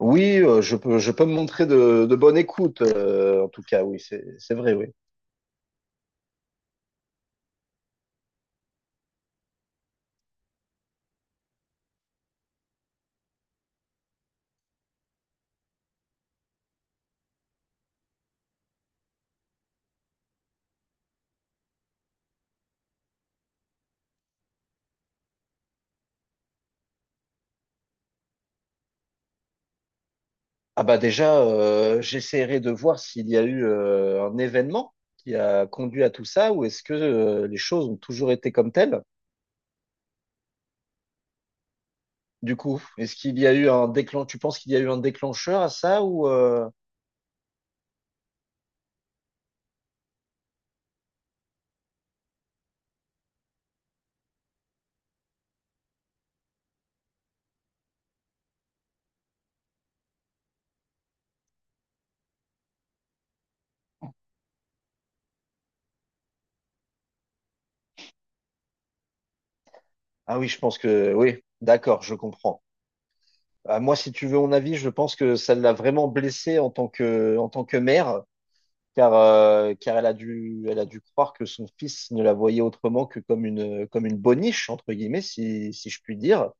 Oui, je peux me montrer de bonne écoute, en tout cas, oui, c'est vrai, oui. Ah bah déjà, j'essaierai de voir s'il y a eu un événement qui a conduit à tout ça, ou est-ce que les choses ont toujours été comme telles? Du coup, est-ce qu'il y a eu un déclencheur? Tu penses qu'il y a eu un déclencheur à ça ou... Ah oui, je pense que oui, d'accord, je comprends. Ah, moi, si tu veux mon avis, je pense que ça l'a vraiment blessé en tant que mère, car, car elle a dû croire que son fils ne la voyait autrement que comme une boniche, entre guillemets, si je puis dire.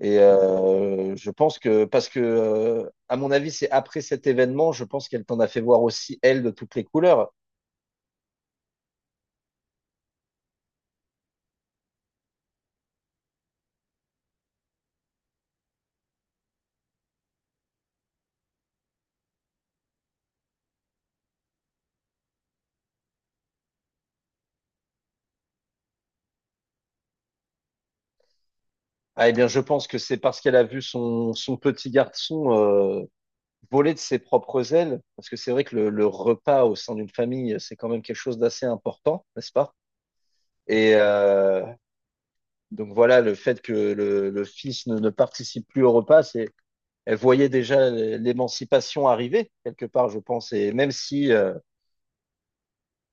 Et je pense que, parce que, à mon avis, c'est après cet événement, je pense qu'elle t'en a fait voir aussi, elle, de toutes les couleurs. Ah, eh bien, je pense que c'est parce qu'elle a vu son petit garçon voler de ses propres ailes, parce que c'est vrai que le repas au sein d'une famille, c'est quand même quelque chose d'assez important, n'est-ce pas? Et, donc voilà, le fait que le fils ne participe plus au repas, c'est, elle voyait déjà l'émancipation arriver, quelque part, je pense. Et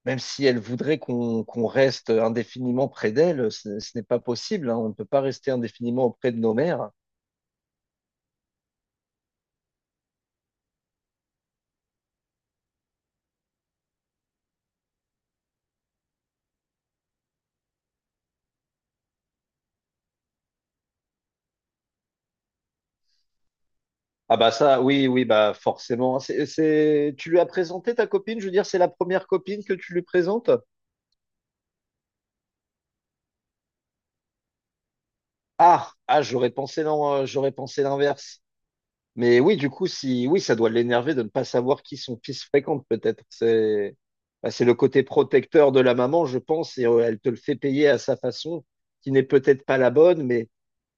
même si elle voudrait qu'on reste indéfiniment près d'elle, ce n'est pas possible, hein. On ne peut pas rester indéfiniment auprès de nos mères. Ah bah ça, oui, oui, bah forcément. C'est- Tu lui as présenté ta copine? Je veux dire, c'est la première copine que tu lui présentes? Ah, ah, j'aurais pensé non, j'aurais pensé l'inverse. Mais oui, du coup, si oui, ça doit l'énerver de ne pas savoir qui son fils fréquente, peut-être. C'est bah, c'est le côté protecteur de la maman, je pense, et elle te le fait payer à sa façon, qui n'est peut-être pas la bonne, mais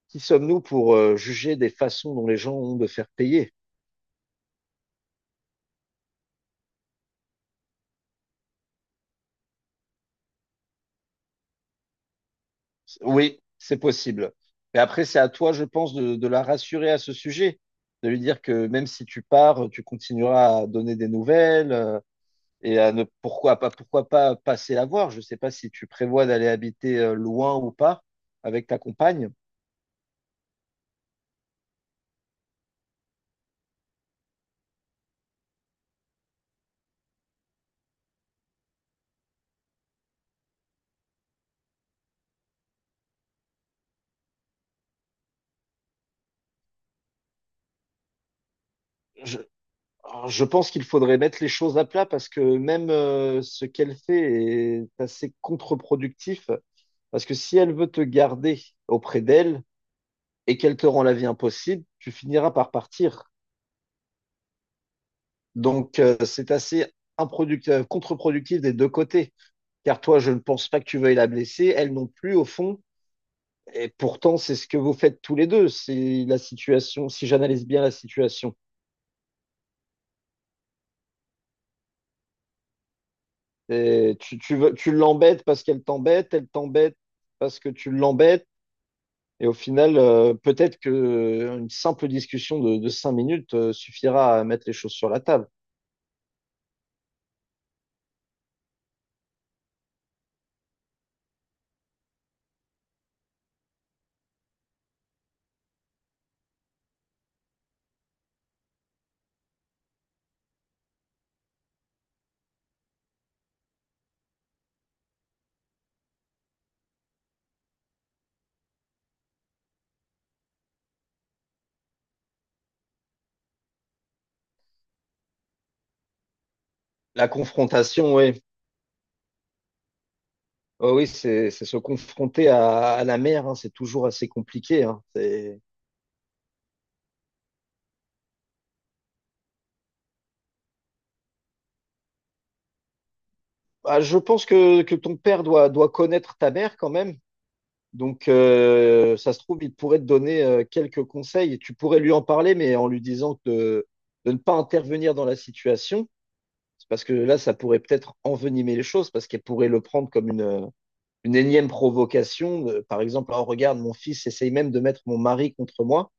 qui sommes-nous pour juger des façons dont les gens ont de faire payer? Oui, c'est possible. Mais après, c'est à toi, je pense, de la rassurer à ce sujet, de lui dire que même si tu pars, tu continueras à donner des nouvelles, et à ne pourquoi pas passer la voir. Je ne sais pas si tu prévois d'aller habiter loin ou pas avec ta compagne. Je, je pense qu'il faudrait mettre les choses à plat parce que même ce qu'elle fait est assez contre-productif. Parce que si elle veut te garder auprès d'elle et qu'elle te rend la vie impossible, tu finiras par partir. Donc c'est assez contre-productif des deux côtés. Car toi, je ne pense pas que tu veuilles la blesser. Elle non plus, au fond. Et pourtant, c'est ce que vous faites tous les deux. C'est la situation, si j'analyse bien la situation. Et veux- tu l'embêtes parce qu'elle t'embête, elle t'embête parce que tu l'embêtes. Et au final, peut-être que une simple discussion de 5 minutes suffira à mettre les choses sur la table. La confrontation, oui. Oh oui, c'est se confronter à la mer, hein. C'est toujours assez compliqué, hein. C'est- Bah, je pense que ton père doit connaître ta mère quand même. Donc, ça se trouve, il pourrait te donner quelques conseils et tu pourrais lui en parler, mais en lui disant de ne pas intervenir dans la situation. C'est parce que là, ça pourrait peut-être envenimer les choses, parce qu'elle pourrait le prendre comme une énième provocation, par exemple, oh, regarde, mon fils essaye même de mettre mon mari contre moi.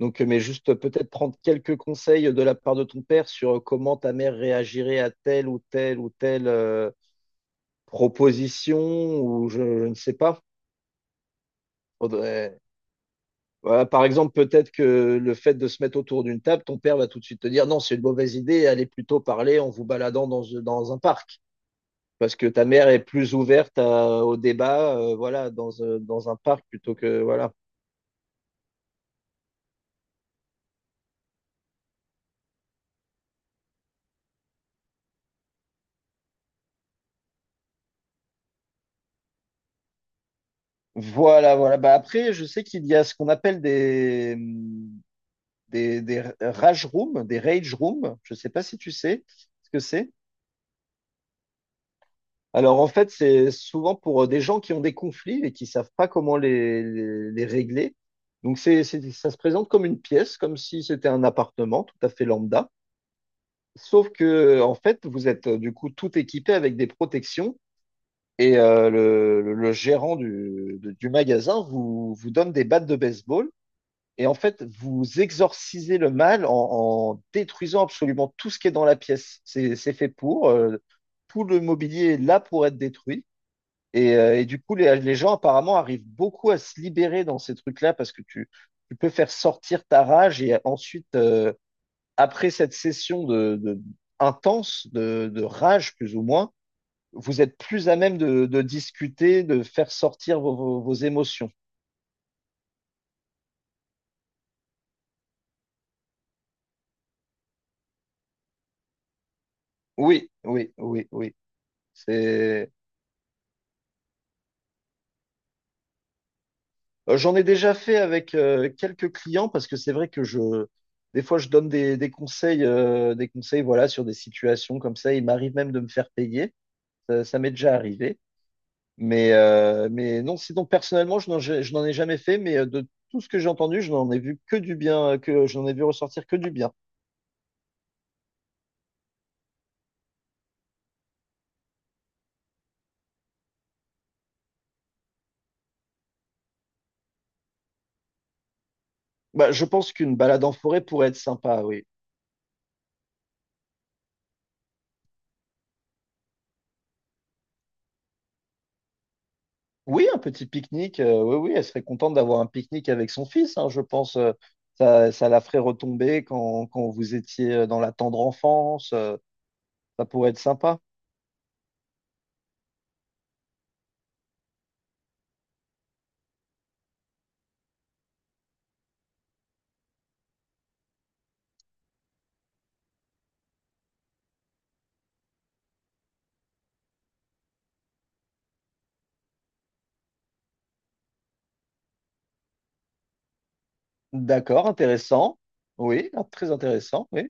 Donc, mais juste peut-être prendre quelques conseils de la part de ton père sur comment ta mère réagirait à telle ou telle proposition, ou je ne sais pas. Faudrait- Voilà, par exemple, peut-être que le fait de se mettre autour d'une table, ton père va tout de suite te dire non, c'est une mauvaise idée, allez plutôt parler en vous baladant dans un parc. Parce que ta mère est plus ouverte à- au débat, voilà, dans, dans un parc plutôt que, voilà. Voilà. Bah après, je sais qu'il y a ce qu'on appelle des rage rooms, des rage rooms. Je sais pas si tu sais ce que c'est. Alors en fait, c'est souvent pour des gens qui ont des conflits et qui savent pas comment les régler. Donc c'est- ça se présente comme une pièce, comme si c'était un appartement tout à fait lambda. Sauf que en fait, vous êtes du coup tout équipé avec des protections et le gérant du magasin vous donne des battes de baseball. Et en fait, vous exorcisez le mal en détruisant absolument tout ce qui est dans la pièce. C'est fait pour, tout le mobilier est là pour être détruit. Et du coup, les gens apparemment arrivent beaucoup à se libérer dans ces trucs-là parce que tu peux faire sortir ta rage et ensuite, après cette session intense de rage plus ou moins, vous êtes plus à même de discuter, de faire sortir vos émotions. Oui, oui, oui, oui. C'est, euh, j'en ai déjà fait avec quelques clients parce que c'est vrai que des fois, je donne des conseils, voilà, sur des situations comme ça. Il m'arrive même de me faire payer. Ça m'est déjà arrivé. Mais non, sinon, personnellement, je n'en ai jamais fait, mais de tout ce que j'ai entendu, je n'en ai vu que du bien, que je n'en ai vu ressortir que du bien. Bah, je pense qu'une balade en forêt pourrait être sympa, oui. Oui, un petit pique-nique, oui, oui, elle serait contente d'avoir un pique-nique avec son fils, hein, je pense. Ça, ça la ferait retomber quand, quand vous étiez dans la tendre enfance, ça pourrait être sympa. D'accord, intéressant. Oui, ah, très intéressant, oui.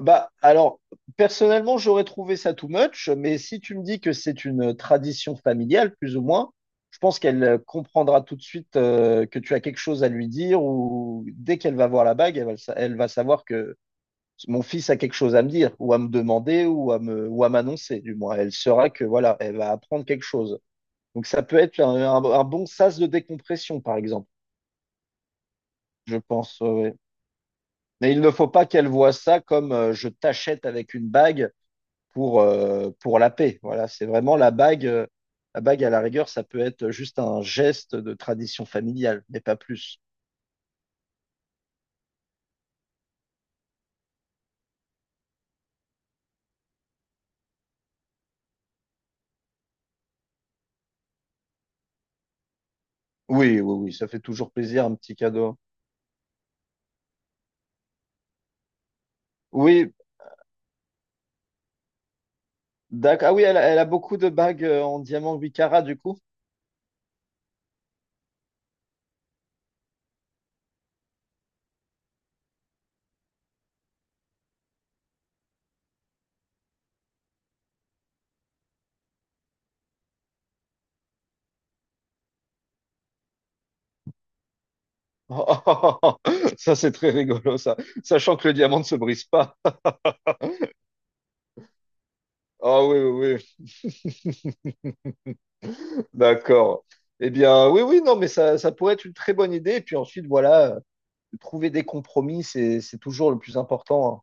Bah, alors, personnellement, j'aurais trouvé ça too much, mais si tu me dis que c'est une tradition familiale, plus ou moins, je pense qu'elle comprendra tout de suite que tu as quelque chose à lui dire, ou dès qu'elle va voir la bague, elle va, elle va savoir que mon fils a quelque chose à me dire, ou à me demander, ou à me, ou à m'annoncer, du moins. Elle saura que, voilà, elle va apprendre quelque chose. Donc, ça peut être un bon sas de décompression, par exemple, je pense. Ouais, ouais. Mais il ne faut pas qu'elle voie ça comme je t'achète avec une bague pour la paix. Voilà, c'est vraiment la bague, la bague, à la rigueur, ça peut être juste un geste de tradition familiale, mais pas plus. Oui, oui, oui, ça fait toujours plaisir, un petit cadeau. Oui, d'accord. Ah oui, elle a beaucoup de bagues en diamant 8 carats, du coup. Ça, c'est très rigolo, ça. Sachant que le diamant ne se brise pas. Ah oui, oui, oui. D'accord. Eh bien, oui, oui, non, mais ça pourrait être une très bonne idée. Et puis ensuite, voilà, trouver des compromis, c'est toujours le plus important, hein.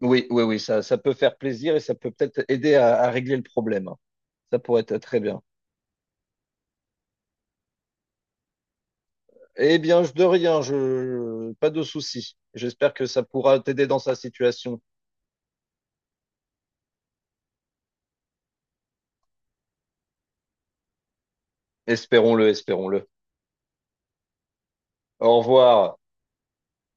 Oui, oui, oui, ça peut faire plaisir et ça peut peut-être aider à régler le problème. Ça pourrait être très bien. Eh bien, de rien, pas de souci. J'espère que ça pourra t'aider dans sa situation. Espérons-le, espérons-le. Au revoir.